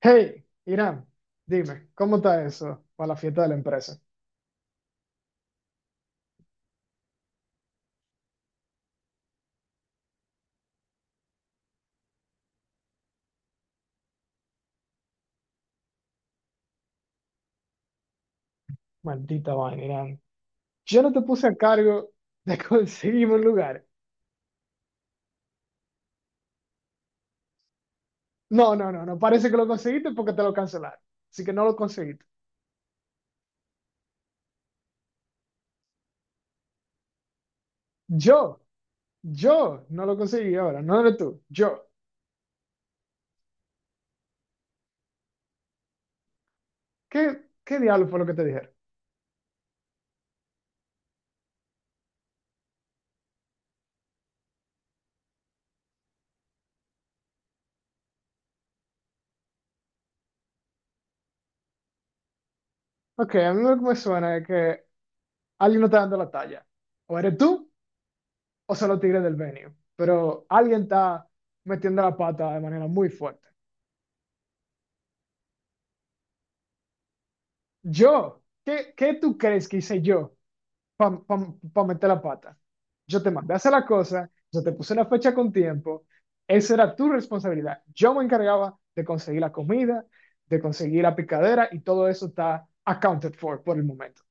Hey, Irán, dime, ¿cómo está eso para la fiesta de la empresa? Maldita vaina, Irán. Yo no te puse a cargo de conseguirme un lugar. No, no, no, no. Parece que lo conseguiste porque te lo cancelaron. Así que no lo conseguiste. Yo, yo no lo conseguí ahora. No eres tú, yo. ¿Qué diablo fue lo que te dijeron? Ok, a mí lo que me suena es que alguien no está dando la talla. O eres tú o son los tigres del venue. Pero alguien está metiendo la pata de manera muy fuerte. Yo, ¿qué tú crees que hice yo para meter la pata? Yo te mandé a hacer la cosa, yo te puse la fecha con tiempo, esa era tu responsabilidad. Yo me encargaba de conseguir la comida, de conseguir la picadera y todo eso está accounted for por el momento.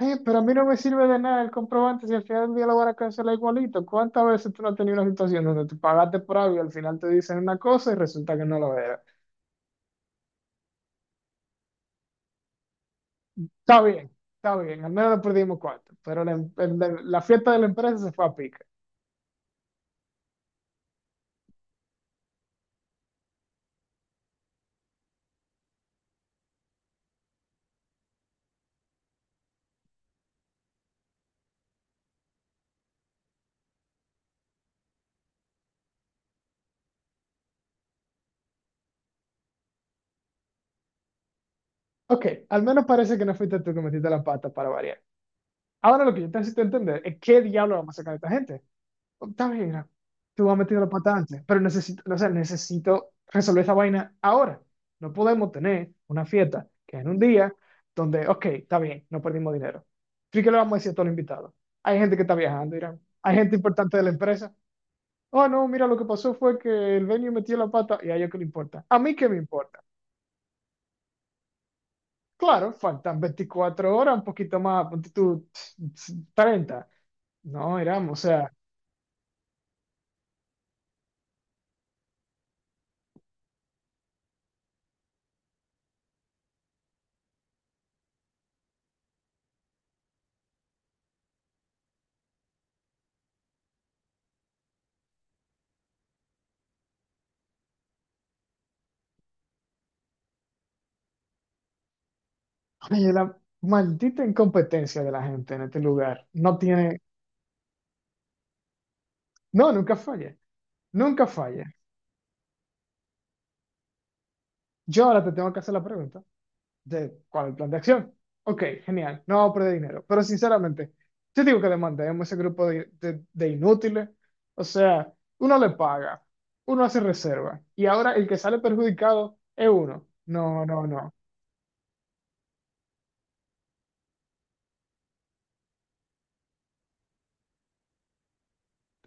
Pero a mí no me sirve de nada el comprobante si al final del día lo van a cancelar igualito. ¿Cuántas veces tú no has tenido una situación donde tú pagaste por algo y al final te dicen una cosa y resulta que no lo era? Está bien, está bien, al menos no perdimos cuatro, pero la fiesta de la empresa se fue a pique. Ok, al menos parece que no fuiste tú que metiste la pata para variar. Ahora lo que yo necesito entender es qué diablo vamos a sacar a esta gente. Oh, está bien, Ra, tú has metido la pata antes, pero necesito, o sea, necesito resolver esa vaina ahora. No podemos tener una fiesta que en un día donde, ok, está bien, no perdimos dinero. ¿Y qué le vamos a decir a todos los invitados? Hay gente que está viajando, Irán. Hay gente importante de la empresa. Oh, no, mira, lo que pasó fue que el venue metió la pata y a ellos que le importa. A mí qué me importa. Claro, faltan 24 horas, un poquito más, ponte tú 30. No, éramos, o sea, oye, la maldita incompetencia de la gente en este lugar no tiene, no, nunca falla, nunca falla. Yo ahora te tengo que hacer la pregunta. De, ¿cuál es el plan de acción? Ok, genial, no vamos a perder dinero. Pero sinceramente, yo digo que demandemos ese grupo de, de inútiles. O sea, uno le paga, uno hace reserva, y ahora el que sale perjudicado es uno. No, no, no.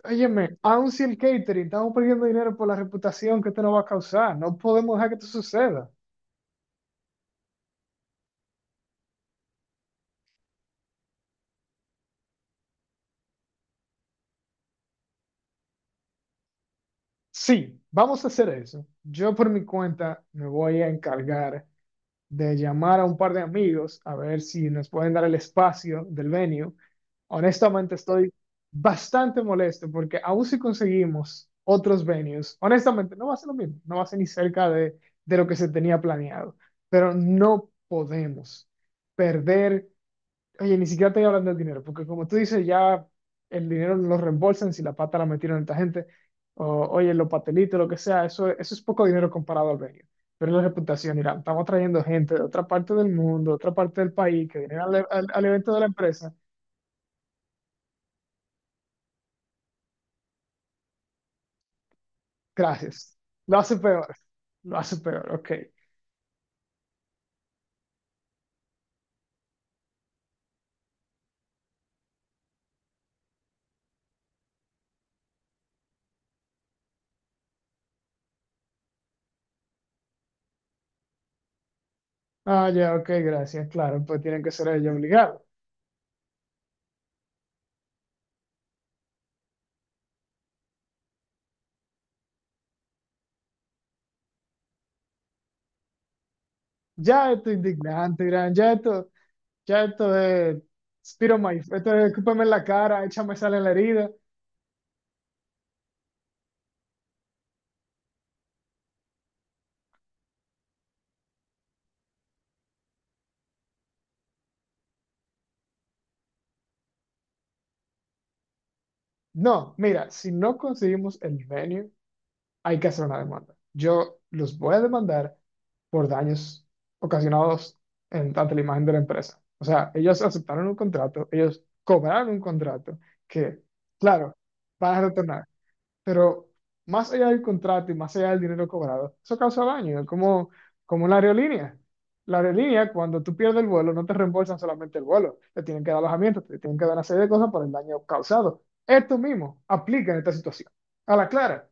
Óyeme, aun si el catering, estamos perdiendo dinero por la reputación que esto nos va a causar. No podemos dejar que esto suceda. Sí, vamos a hacer eso. Yo por mi cuenta me voy a encargar de llamar a un par de amigos a ver si nos pueden dar el espacio del venue. Honestamente, estoy bastante molesto porque aún si conseguimos otros venues, honestamente, no va a ser lo mismo, no va a ser ni cerca de lo que se tenía planeado, pero no podemos perder. Oye, ni siquiera estoy hablando del dinero, porque como tú dices, ya el dinero lo reembolsan si la pata la metieron esta gente, o oye, los patelitos, lo que sea, eso es poco dinero comparado al venio. Pero es la reputación, Irán, estamos trayendo gente de otra parte del mundo, de otra parte del país, que vienen al, al evento de la empresa. Gracias. Lo hace peor, lo hace peor, ok. Ah, ya, ok, gracias, claro, pues tienen que ser ellos obligados. Ya esto es indignante, Irán, ya esto es, tiro My, esto es escúpeme en la cara, échame sal en la herida. No, mira, si no conseguimos el venue, hay que hacer una demanda. Yo los voy a demandar por daños ocasionados en, tanto la imagen de la empresa. O sea, ellos aceptaron un contrato, ellos cobraron un contrato que, claro, van a retornar. Pero más allá del contrato y más allá del dinero cobrado, eso causa daño, es como, como la aerolínea. La aerolínea, cuando tú pierdes el vuelo, no te reembolsan solamente el vuelo, te tienen que dar alojamiento, te tienen que dar una serie de cosas por el daño causado. Esto mismo aplica en esta situación. A la clara.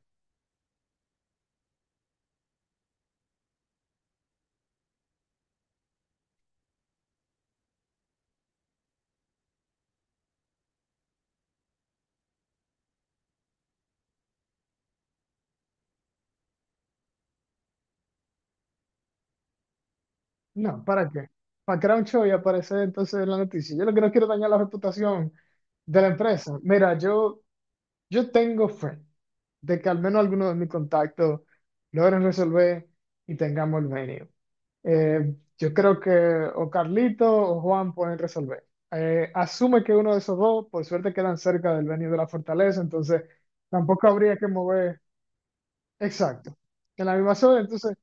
No, ¿para qué? Para crear un show y aparecer entonces en la noticia. Yo lo que no quiero dañar la reputación de la empresa. Mira, yo tengo fe de que al menos algunos de mis contactos logren resolver y tengamos el venue. Yo creo que o Carlito o Juan pueden resolver. Asume que uno de esos dos, por suerte, quedan cerca del venue de la fortaleza, entonces tampoco habría que mover. Exacto. En la misma zona, entonces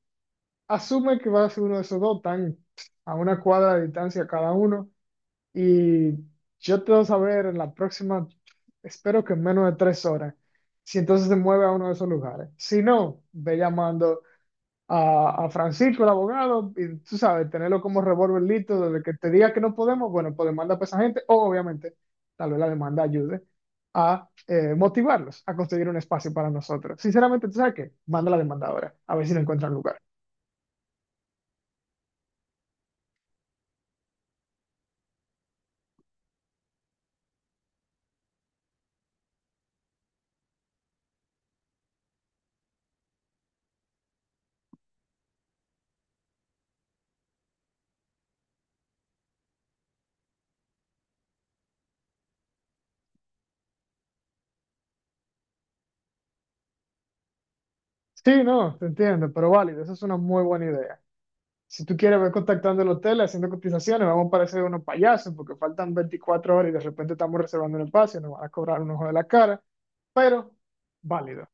asume que va a ser uno de esos dos, tan a una cuadra de distancia cada uno. Y yo te voy a saber en la próxima, espero que en menos de 3 horas, si entonces se mueve a uno de esos lugares. Si no, ve llamando a Francisco, el abogado, y tú sabes, tenerlo como revólver listo, desde que te diga que no podemos, bueno, pues demanda a esa gente, o obviamente, tal vez la demanda ayude a motivarlos a conseguir un espacio para nosotros. Sinceramente, ¿tú sabes qué? Manda la demanda ahora, a ver si le encuentran lugar. Sí, no, te entiendo, pero válido, esa es una muy buena idea. Si tú quieres, ve contactando el hotel, haciendo cotizaciones, vamos a parecer unos payasos porque faltan 24 horas y de repente estamos reservando un espacio, nos van a cobrar un ojo de la cara, pero válido.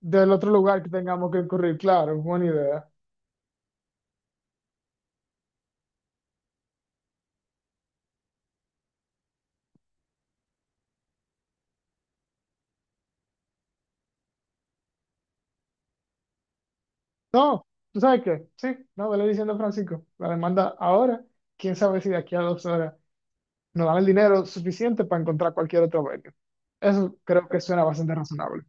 Del otro lugar que tengamos que incurrir, claro, es buena idea. No, ¿tú sabes qué? Sí, no, vele diciendo a Francisco, la demanda ahora, quién sabe si de aquí a 2 horas nos dan el dinero suficiente para encontrar cualquier otro venue. Eso creo que suena bastante razonable.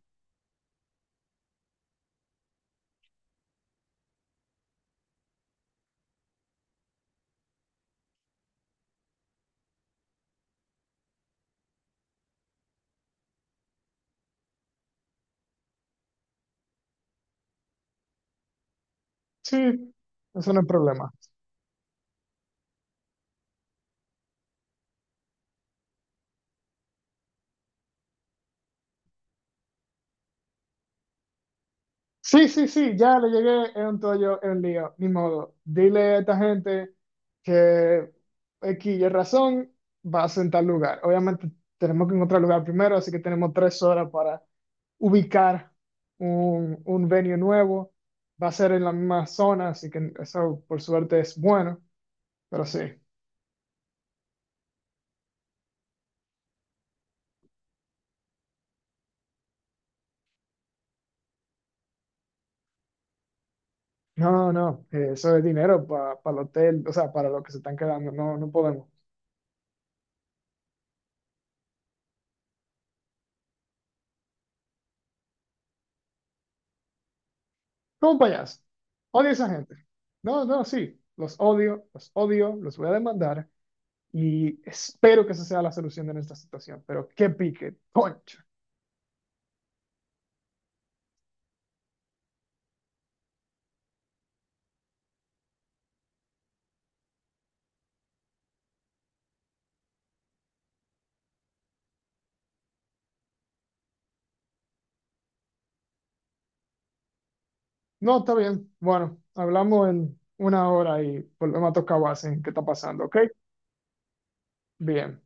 Sí, eso no es problema. Sí, sí, sí, ya le llegué en un tollo, en un lío, ni modo. Dile a esta gente que X y razón vas en tal lugar. Obviamente tenemos que encontrar lugar primero, así que tenemos 3 horas para ubicar un venue nuevo. Va a ser en la misma zona, así que eso por suerte es bueno, pero sí. No, no, eso es dinero para el hotel, o sea, para lo que se están quedando, no, no podemos. Como payaso. Odio a esa gente. No, no, sí. Los odio, los odio, los voy a demandar y espero que esa sea la solución de nuestra situación. Pero qué pique, concha. No, está bien. Bueno, hablamos en una hora y volvemos a tocar base en qué está pasando, ¿ok? Bien.